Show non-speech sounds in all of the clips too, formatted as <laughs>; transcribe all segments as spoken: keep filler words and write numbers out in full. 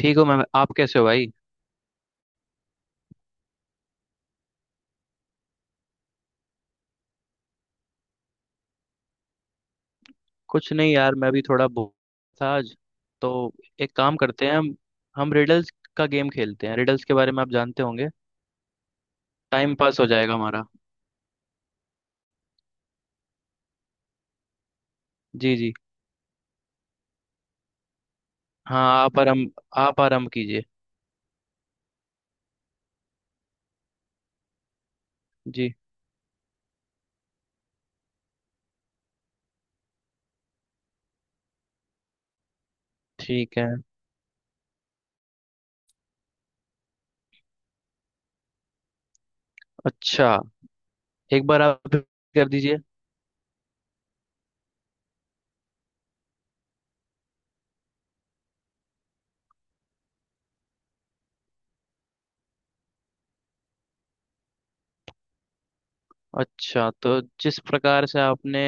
ठीक हो मैम, आप कैसे हो भाई? कुछ नहीं यार, मैं भी थोड़ा बोर था आज तो। एक काम करते हैं। हम हम रिडल्स का गेम खेलते हैं। रिडल्स के बारे में आप जानते होंगे। टाइम पास हो जाएगा हमारा। जी जी। हाँ, आप आराम आप आराम कीजिए। जी। ठीक है। अच्छा, एक बार आप repeat कर दीजिए। अच्छा, तो जिस प्रकार से आपने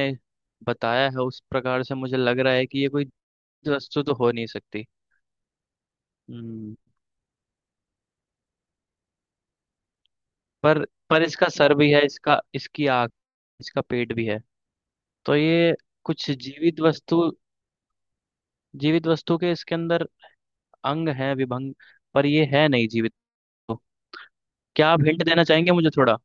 बताया है, उस प्रकार से मुझे लग रहा है कि ये कोई वस्तु तो हो नहीं सकती। हम्म पर पर इसका सर भी है, इसका इसकी आँख, इसका पेट भी है। तो ये कुछ जीवित वस्तु जीवित वस्तु के इसके अंदर अंग हैं विभंग, पर ये है नहीं जीवित तो। क्या आप हिंट देना चाहेंगे मुझे थोड़ा?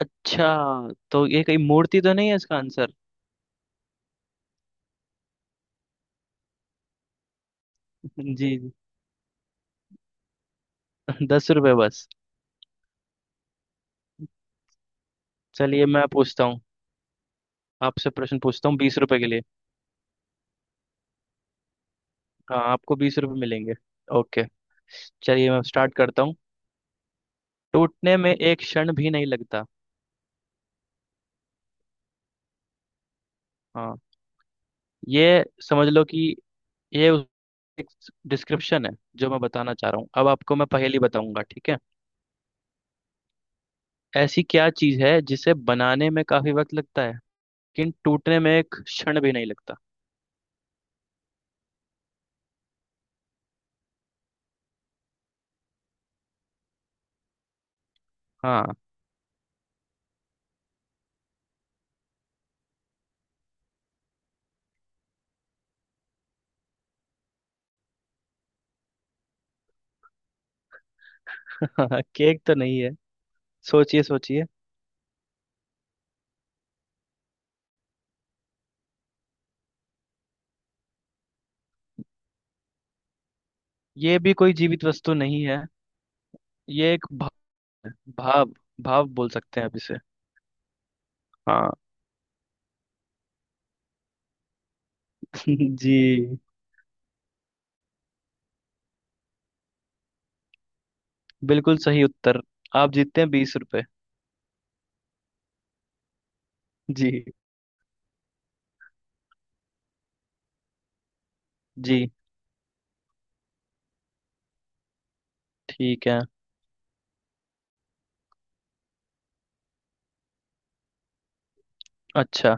अच्छा, तो ये कहीं मूर्ति तो नहीं है इसका आंसर? <laughs> जी जी। दस रुपये बस? चलिए, मैं पूछता हूँ आपसे, प्रश्न पूछता हूँ बीस रुपए के लिए। हाँ, आपको बीस रुपए मिलेंगे। ओके। चलिए, मैं स्टार्ट करता हूँ। टूटने में एक क्षण भी नहीं लगता। हाँ, ये समझ लो कि ये उस एक डिस्क्रिप्शन है जो मैं बताना चाह रहा हूँ। अब आपको मैं पहेली बताऊंगा, ठीक है। ऐसी क्या चीज है जिसे बनाने में काफी वक्त लगता है, लेकिन टूटने में एक क्षण भी नहीं लगता। हाँ। <laughs> केक तो नहीं है। सोचिए सोचिए। ये भी कोई जीवित वस्तु नहीं है। ये एक भा, भाव भाव बोल सकते हैं आप इसे। हाँ। <laughs> जी, बिल्कुल सही उत्तर। आप जीतते हैं बीस रुपए। जी जी। ठीक है। अच्छा।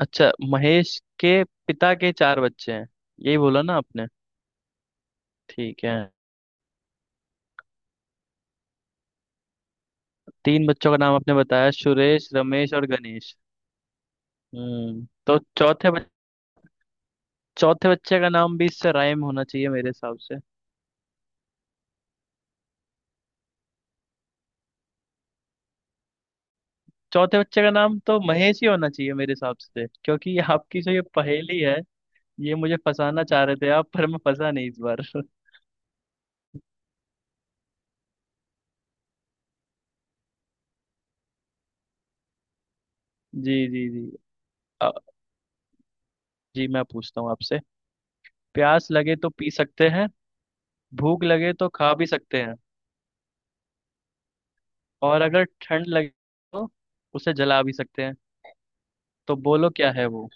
अच्छा, महेश के पिता के चार बच्चे हैं, यही बोला ना आपने? ठीक है। तीन बच्चों का नाम आपने बताया, सुरेश, रमेश और गणेश। हम्म तो चौथे बच, चौथे बच्चे का नाम भी इससे राइम होना चाहिए मेरे हिसाब से। चौथे बच्चे का नाम तो महेश ही होना चाहिए मेरे हिसाब से, क्योंकि ये आपकी जो ये पहेली है। ये मुझे फंसाना चाह रहे थे आप, पर मैं फंसा नहीं इस बार। <laughs> जी जी जी। अ, जी, मैं पूछता हूँ आपसे। प्यास लगे तो पी सकते हैं। भूख लगे तो खा भी सकते हैं। और अगर ठंड लगे तो उसे जला भी सकते हैं। तो बोलो क्या है वो?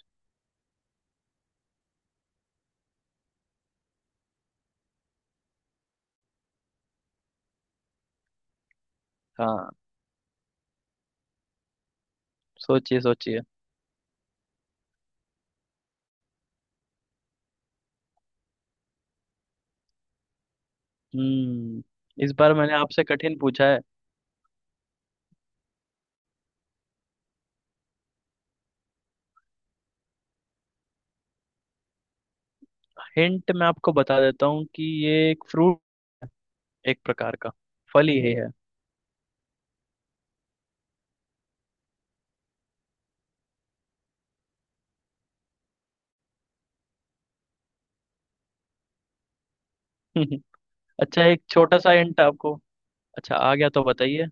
हाँ। सोचिए सोचिए। हम्म। इस बार मैंने आपसे कठिन पूछा है। हिंट मैं आपको बता देता हूँ कि ये एक फ्रूट, एक प्रकार का फल ही है। <laughs> अच्छा, एक छोटा सा हिंट आपको। अच्छा, आ गया तो बताइए।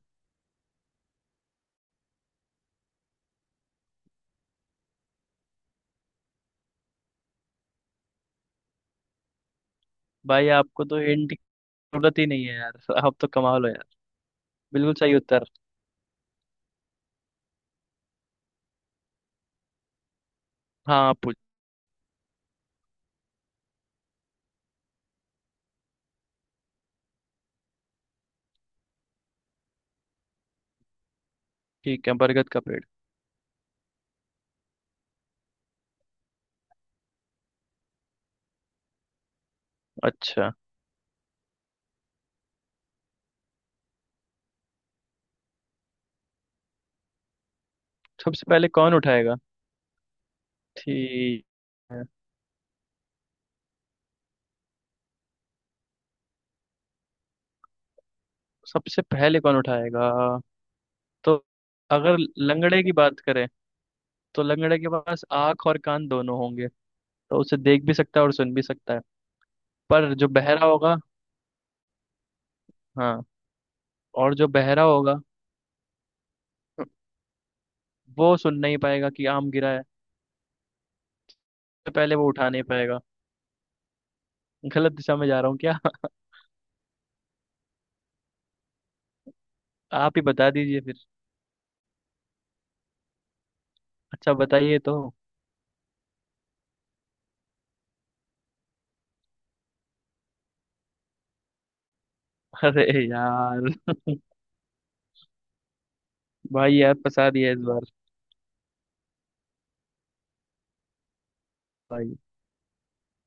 भाई, आपको तो हिंट की जरूरत ही नहीं है यार। आप तो कमाल हो यार। बिल्कुल सही उत्तर। हाँ, आप पूछ। ठीक है, बरगद का पेड़। अच्छा। सबसे पहले कौन उठाएगा? ठीक। है सबसे पहले कौन उठाएगा तो? अगर लंगड़े की बात करें तो लंगड़े के पास आंख और कान दोनों होंगे। तो उसे देख भी सकता है और सुन भी सकता है। पर जो बहरा होगा। हाँ। और जो बहरा होगा वो सुन नहीं पाएगा कि आम गिरा है। तो पहले वो उठा नहीं पाएगा। गलत दिशा में जा रहा हूँ क्या? <laughs> आप ही बता दीजिए फिर। अच्छा, बताइए तो। अरे यार <laughs> भाई यार, फंसा दिया इस बार। भाई।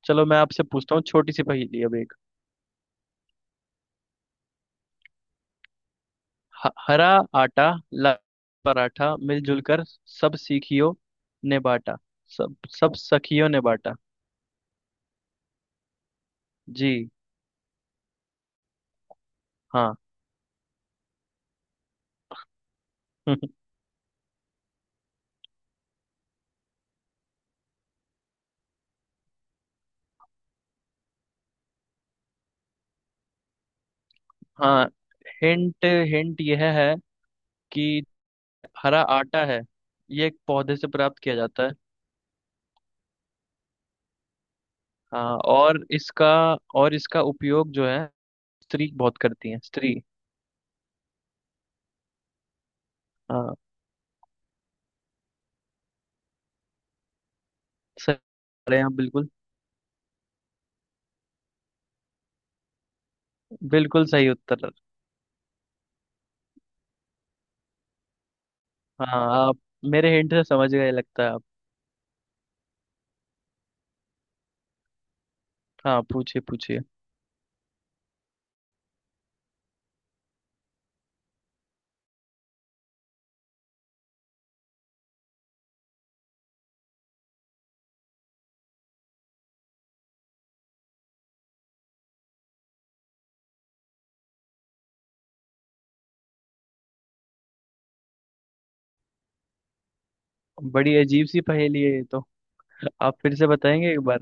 चलो, मैं आपसे पूछता हूँ छोटी सी पहेली अब एक। ह- हरा आटा, लाल पराठा, मिलजुल कर सब सीखियो ने बाटा। सब सब सखियों ने बाटा। जी। हाँ। <laughs> हाँ, हिंट हिंट यह है कि हरा आटा है, ये एक पौधे से प्राप्त किया जाता है। हाँ, और इसका और इसका उपयोग जो है, स्त्री बहुत करती है, स्त्री। हाँ। सही। अरे हाँ, बिल्कुल। बिल्कुल सही उत्तर। हाँ, आप मेरे हिंट से समझ गए लगता है आप। हाँ, पूछिए पूछिए। बड़ी अजीब सी पहेली है ये तो। <laughs> आप फिर से बताएंगे एक बार?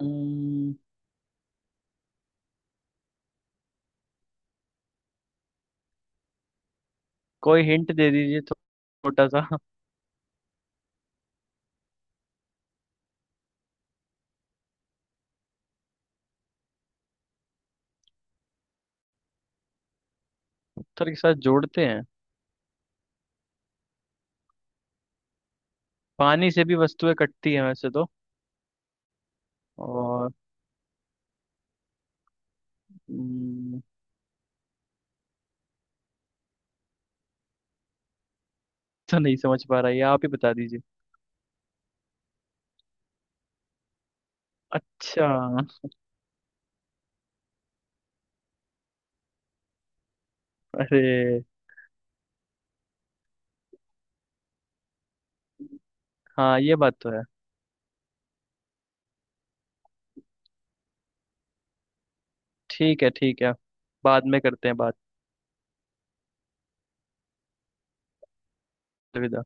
हम्म, कोई हिंट दे दीजिए तो छोटा सा <laughs> पत्थर के साथ जोड़ते हैं? पानी से भी वस्तुएं कटती हैं वैसे तो। और। हम्म, <laughs> तो नहीं समझ पा रहा ये, आप ही बता दीजिए। अच्छा। अरे। हाँ, ये बात तो है। ठीक है, ठीक है। बाद में करते हैं बात। अलविदा।